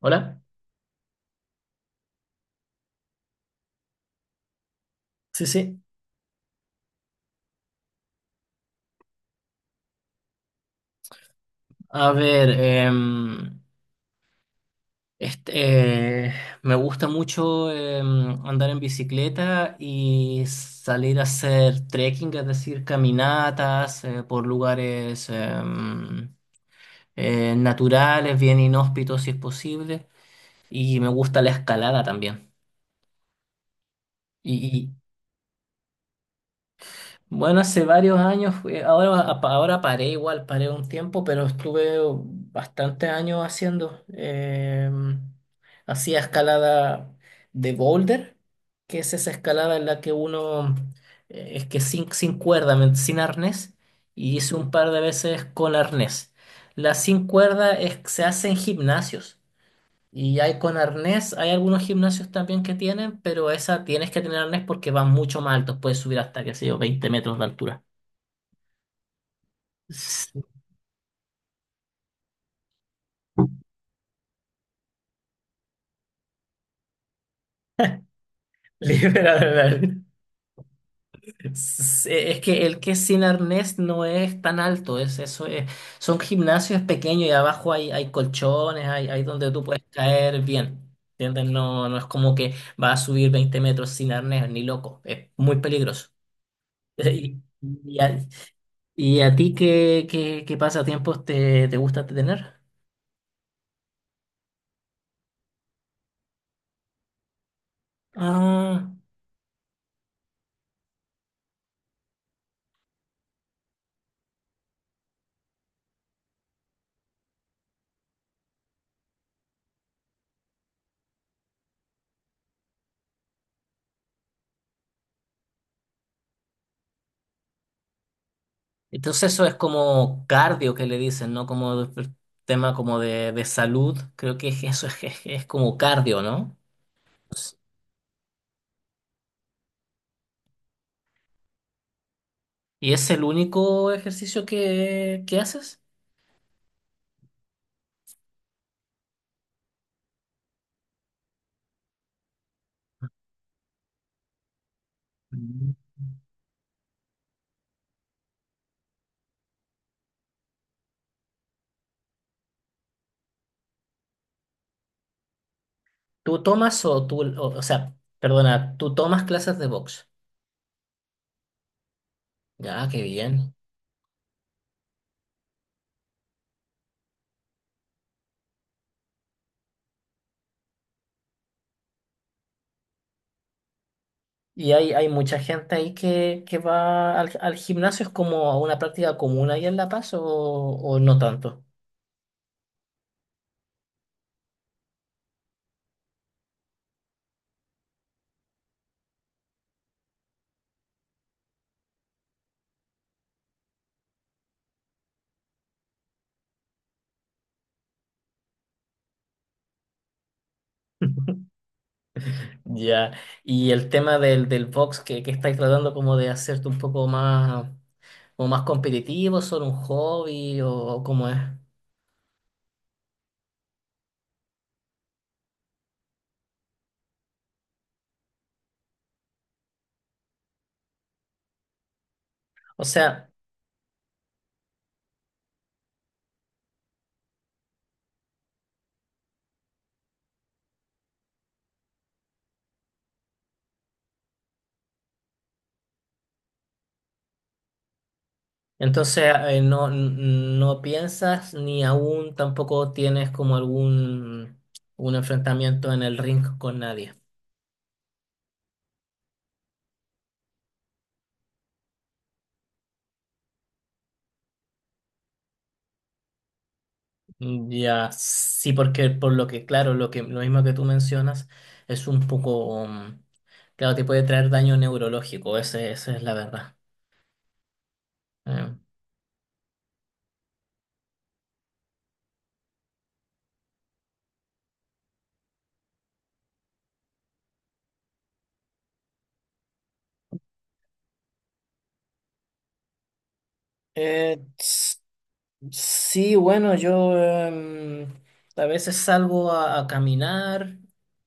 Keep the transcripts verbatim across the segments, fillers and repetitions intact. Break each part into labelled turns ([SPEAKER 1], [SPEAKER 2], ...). [SPEAKER 1] Hola, sí, sí. A ver, em, este, eh, me gusta mucho em, andar en bicicleta y salir a hacer trekking, es decir, caminatas eh, por lugares em, eh, naturales, bien inhóspitos si es posible. Y me gusta la escalada también. Y, Bueno, hace varios años, fui- ahora, ahora paré igual, paré un tiempo, pero estuve bastantes años haciendo. eh, hacía escalada de boulder, que es esa escalada en la que uno, eh, es que sin, sin cuerda, men- sin arnés, y hice un par de veces con arnés. La sin cuerda es, se hace en gimnasios. Y hay con arnés, hay algunos gimnasios también que tienen, pero esa tienes que tener arnés porque van mucho más altos, puedes subir hasta, qué sé yo, veinte metros de altura. Sí. Libera adrenalina. Sí, es que el que es sin arnés no es tan alto, es eso es, son gimnasios pequeños y abajo hay, hay colchones, hay, hay donde tú puedes caer bien. ¿Entiendes? No, no es como que va a subir veinte metros sin arnés, ni loco, es muy peligroso. Y, y- ¿Y a ti qué, qué, qué pasatiempos te, te gusta tener? Ah, entonces eso es como cardio que le dicen, ¿no? Como de- tema como de, de salud. Creo que es- eso es, es, es como cardio, ¿no? ¿Y es el único ejercicio que, que haces? Mm. ¿Tú tomas o tú, o, o sea, perdona, tú tomas clases de box? Ya, qué bien. Y hay, hay mucha gente ahí que, que va al, al gimnasio, ¿es como una práctica común ahí en La Paz o, o no tanto? Ya, y el tema del, del box que, que estáis tratando como de hacerte un poco más, como más competitivo, solo un hobby o, o cómo es. O sea, entonces eh, no, no piensas ni aún tampoco tienes como algún un enfrentamiento en el ring con nadie. Mm, ya, sí, porque por lo que, claro, lo que, lo mismo que tú mencionas es un poco, mm, claro, te puede traer daño neurológico, ese, esa es la verdad. Eh, Eh, s- sí, bueno, yo em, a veces salgo a, a caminar,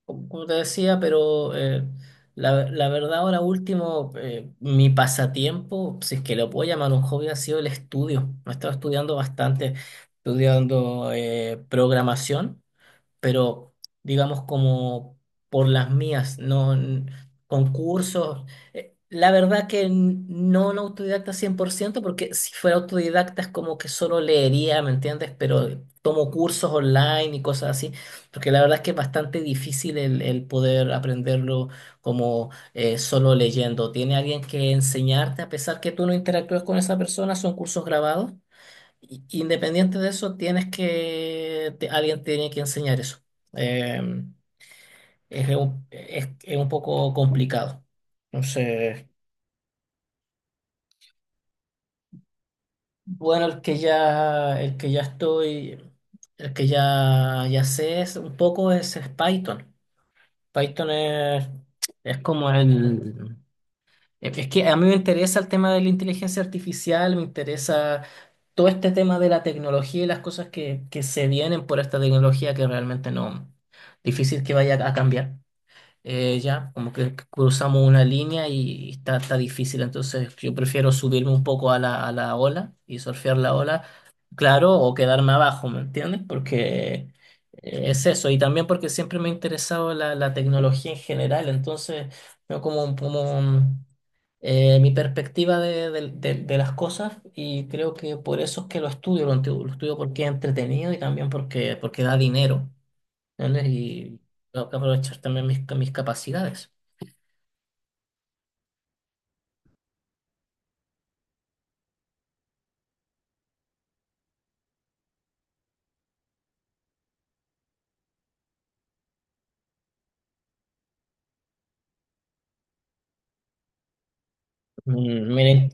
[SPEAKER 1] como como te decía, pero eh, la, la verdad ahora último, eh, mi pasatiempo, si es que lo puedo llamar un hobby, ha sido el estudio. Me he estado estudiando bastante, estudiando eh, programación, pero digamos como por las mías, no n- concursos. Eh, La verdad que n- no un autodidacta cien por ciento, porque si fuera autodidacta es como que solo leería, ¿me entiendes? Pero tomo cursos online y cosas así, porque la verdad es que es bastante difícil el, el poder aprenderlo como eh, solo leyendo. Tiene alguien que enseñarte, a pesar que tú no interactúas con esa persona, son cursos grabados. i- Independiente de eso, tienes que, te- alguien tiene que enseñar eso. Eh, es, un, es, es un poco complicado. Entonces, bueno, el que ya, el que ya estoy, el que ya, ya sé, es un poco es, es Python. Python es, es como el, Es es que a mí me interesa el tema de la inteligencia artificial, me interesa todo este tema de la tecnología y las cosas que, que se vienen por esta tecnología, que realmente no, difícil que vaya a cambiar. Eh, ya, como que cruzamos una línea y está, está difícil, entonces yo prefiero subirme un poco a la, a la ola y surfear la ola, claro, o quedarme abajo, ¿me entiendes? Porque eh, es eso, y también porque siempre me ha interesado la, la tecnología en general, entonces, no como, como eh, mi perspectiva de, de- de- de las cosas, y creo que por eso es que lo estudio, lo, enti- lo estudio porque es entretenido y también porque, porque da dinero, ¿entiendes? Y tengo que aprovechar también mis, mis capacidades. Mm, mira,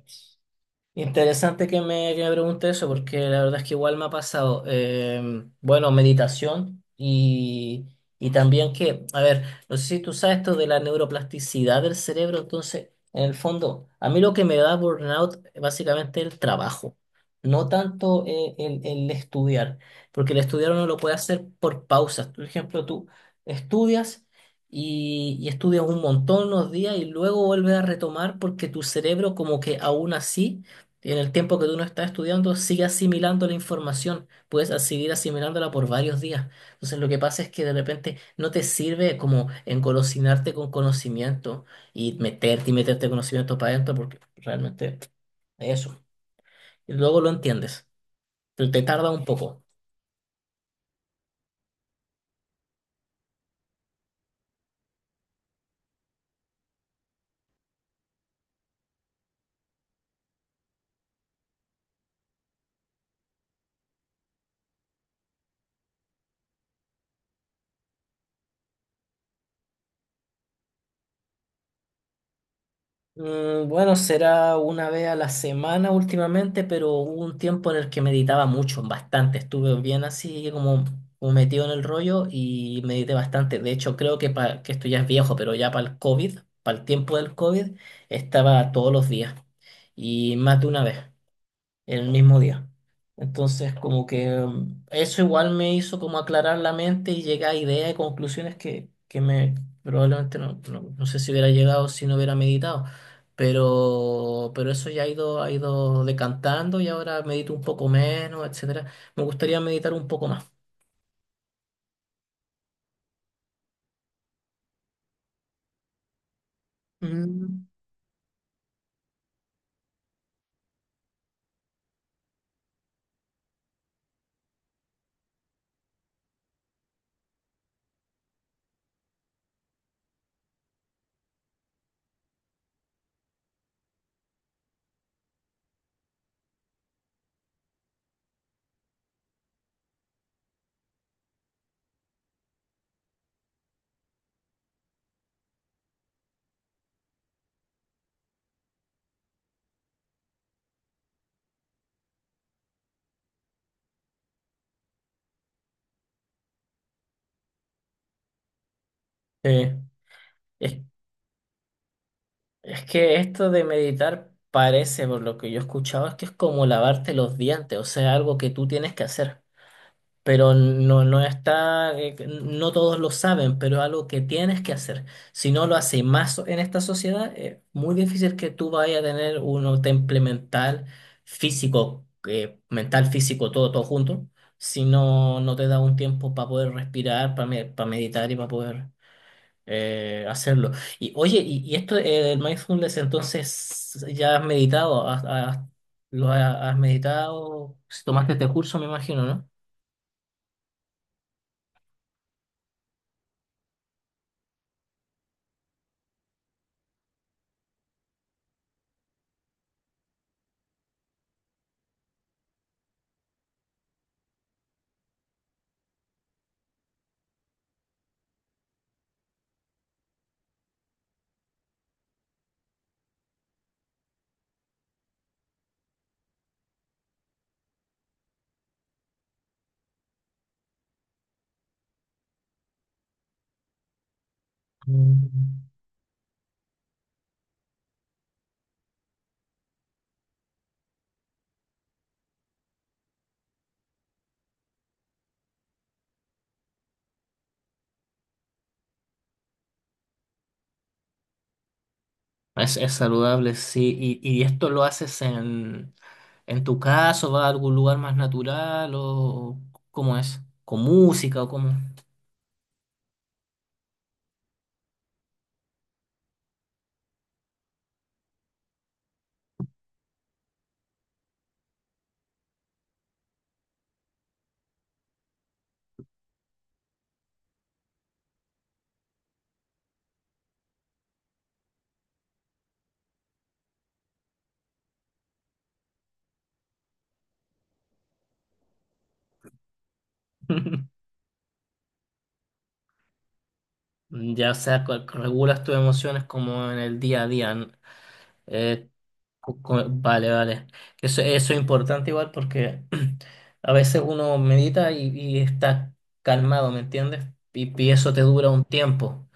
[SPEAKER 1] interesante que me, que me pregunte eso, porque la verdad es que igual me ha pasado, eh, bueno, meditación y, y también que, a ver, no sé si tú sabes esto de la neuroplasticidad del cerebro, entonces, en el fondo, a mí lo que me da burnout eh, básicamente el trabajo, no tanto eh, el, el estudiar, porque el estudiar uno lo puede hacer por pausas. Por ejemplo, tú estudias y, y estudias un montón unos días y luego vuelves a retomar porque tu cerebro como que aún así, y en el tiempo que tú no estás estudiando, sigue asimilando la información, puedes a- seguir asimilándola por varios días. Entonces, lo que pasa es que de repente no te sirve como engolosinarte con conocimiento y meterte y meterte conocimiento para adentro, porque realmente eso. Y luego lo entiendes, pero te tarda un poco. Mm, bueno, será una vez a la semana últimamente, pero hubo un tiempo en el que meditaba mucho, bastante. Estuve bien así como, como metido en el rollo y medité bastante. De hecho, creo que, pa- que esto ya es viejo, pero ya para el COVID, para el tiempo del COVID, estaba todos los días y más de una vez en el mismo día. Entonces, como que mm, eso igual me hizo como aclarar la mente y llegar a ideas y conclusiones que, que me probablemente no, no, no sé si hubiera llegado si no hubiera meditado. Pero, pero eso ya ha ido, ha ido decantando y ahora medito un poco menos, etcétera. Me gustaría meditar un poco más. Mm, Eh, es, es que esto de meditar parece, por lo que yo he escuchado, es que es como lavarte los dientes, o sea, algo que tú tienes que hacer. Pero no, no está, eh, no todos lo saben, pero es algo que tienes que hacer. Si no lo haces más en esta sociedad, es muy difícil que tú vayas a tener un temple mental, físico, eh, mental, físico, todo, todo junto, si no, no te da un tiempo para poder respirar, para meditar y para poder eh, hacerlo. Y oye, y, y esto eh, el mindfulness, entonces, ¿ya has meditado? ¿Has, has- ¿lo has, has meditado? Si tomaste este curso, me imagino, ¿no? Mm. Es, es saludable, sí. ¿Y, y esto lo haces en, en tu caso? ¿Vas a algún lugar más natural? ¿O cómo es? ¿Con música o cómo? Ya, o sea, cu- cu- regulas tus emociones como en el día a día. n- eh, cu- cu- vale, vale. Eso, eso es importante igual porque a veces uno medita y, y está calmado, ¿me entiendes? Y, y eso te dura un tiempo.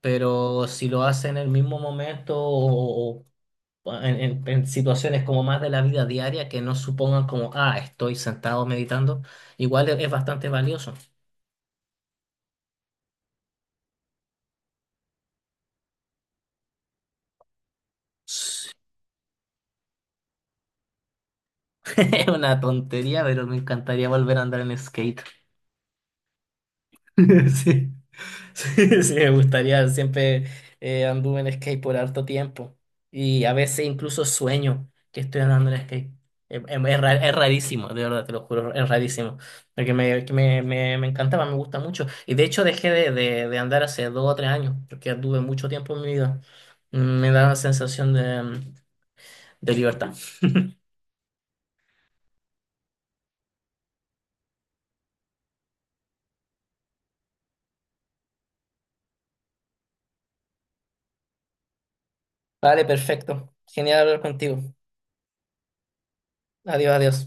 [SPEAKER 1] Pero si lo haces en el mismo momento o, en, en- en situaciones como más de la vida diaria que no supongan como, ah, estoy sentado meditando, igual es, es bastante valioso. Es una tontería, pero me encantaría volver a andar en skate. Sí. Sí, sí, me gustaría. Siempre eh, anduve en skate por harto tiempo. Y a veces incluso sueño que estoy andando en skate. Es, es es ra- es rarísimo, de verdad, te lo juro, es rarísimo. Porque me, que me, me, me encantaba, me gusta mucho. Y de hecho dejé de, de, de andar hace dos o tres años, porque anduve mucho tiempo en mi vida. Mm, me da una sensación de, mm, de libertad. Vale, perfecto. Genial hablar contigo. Adiós, adiós.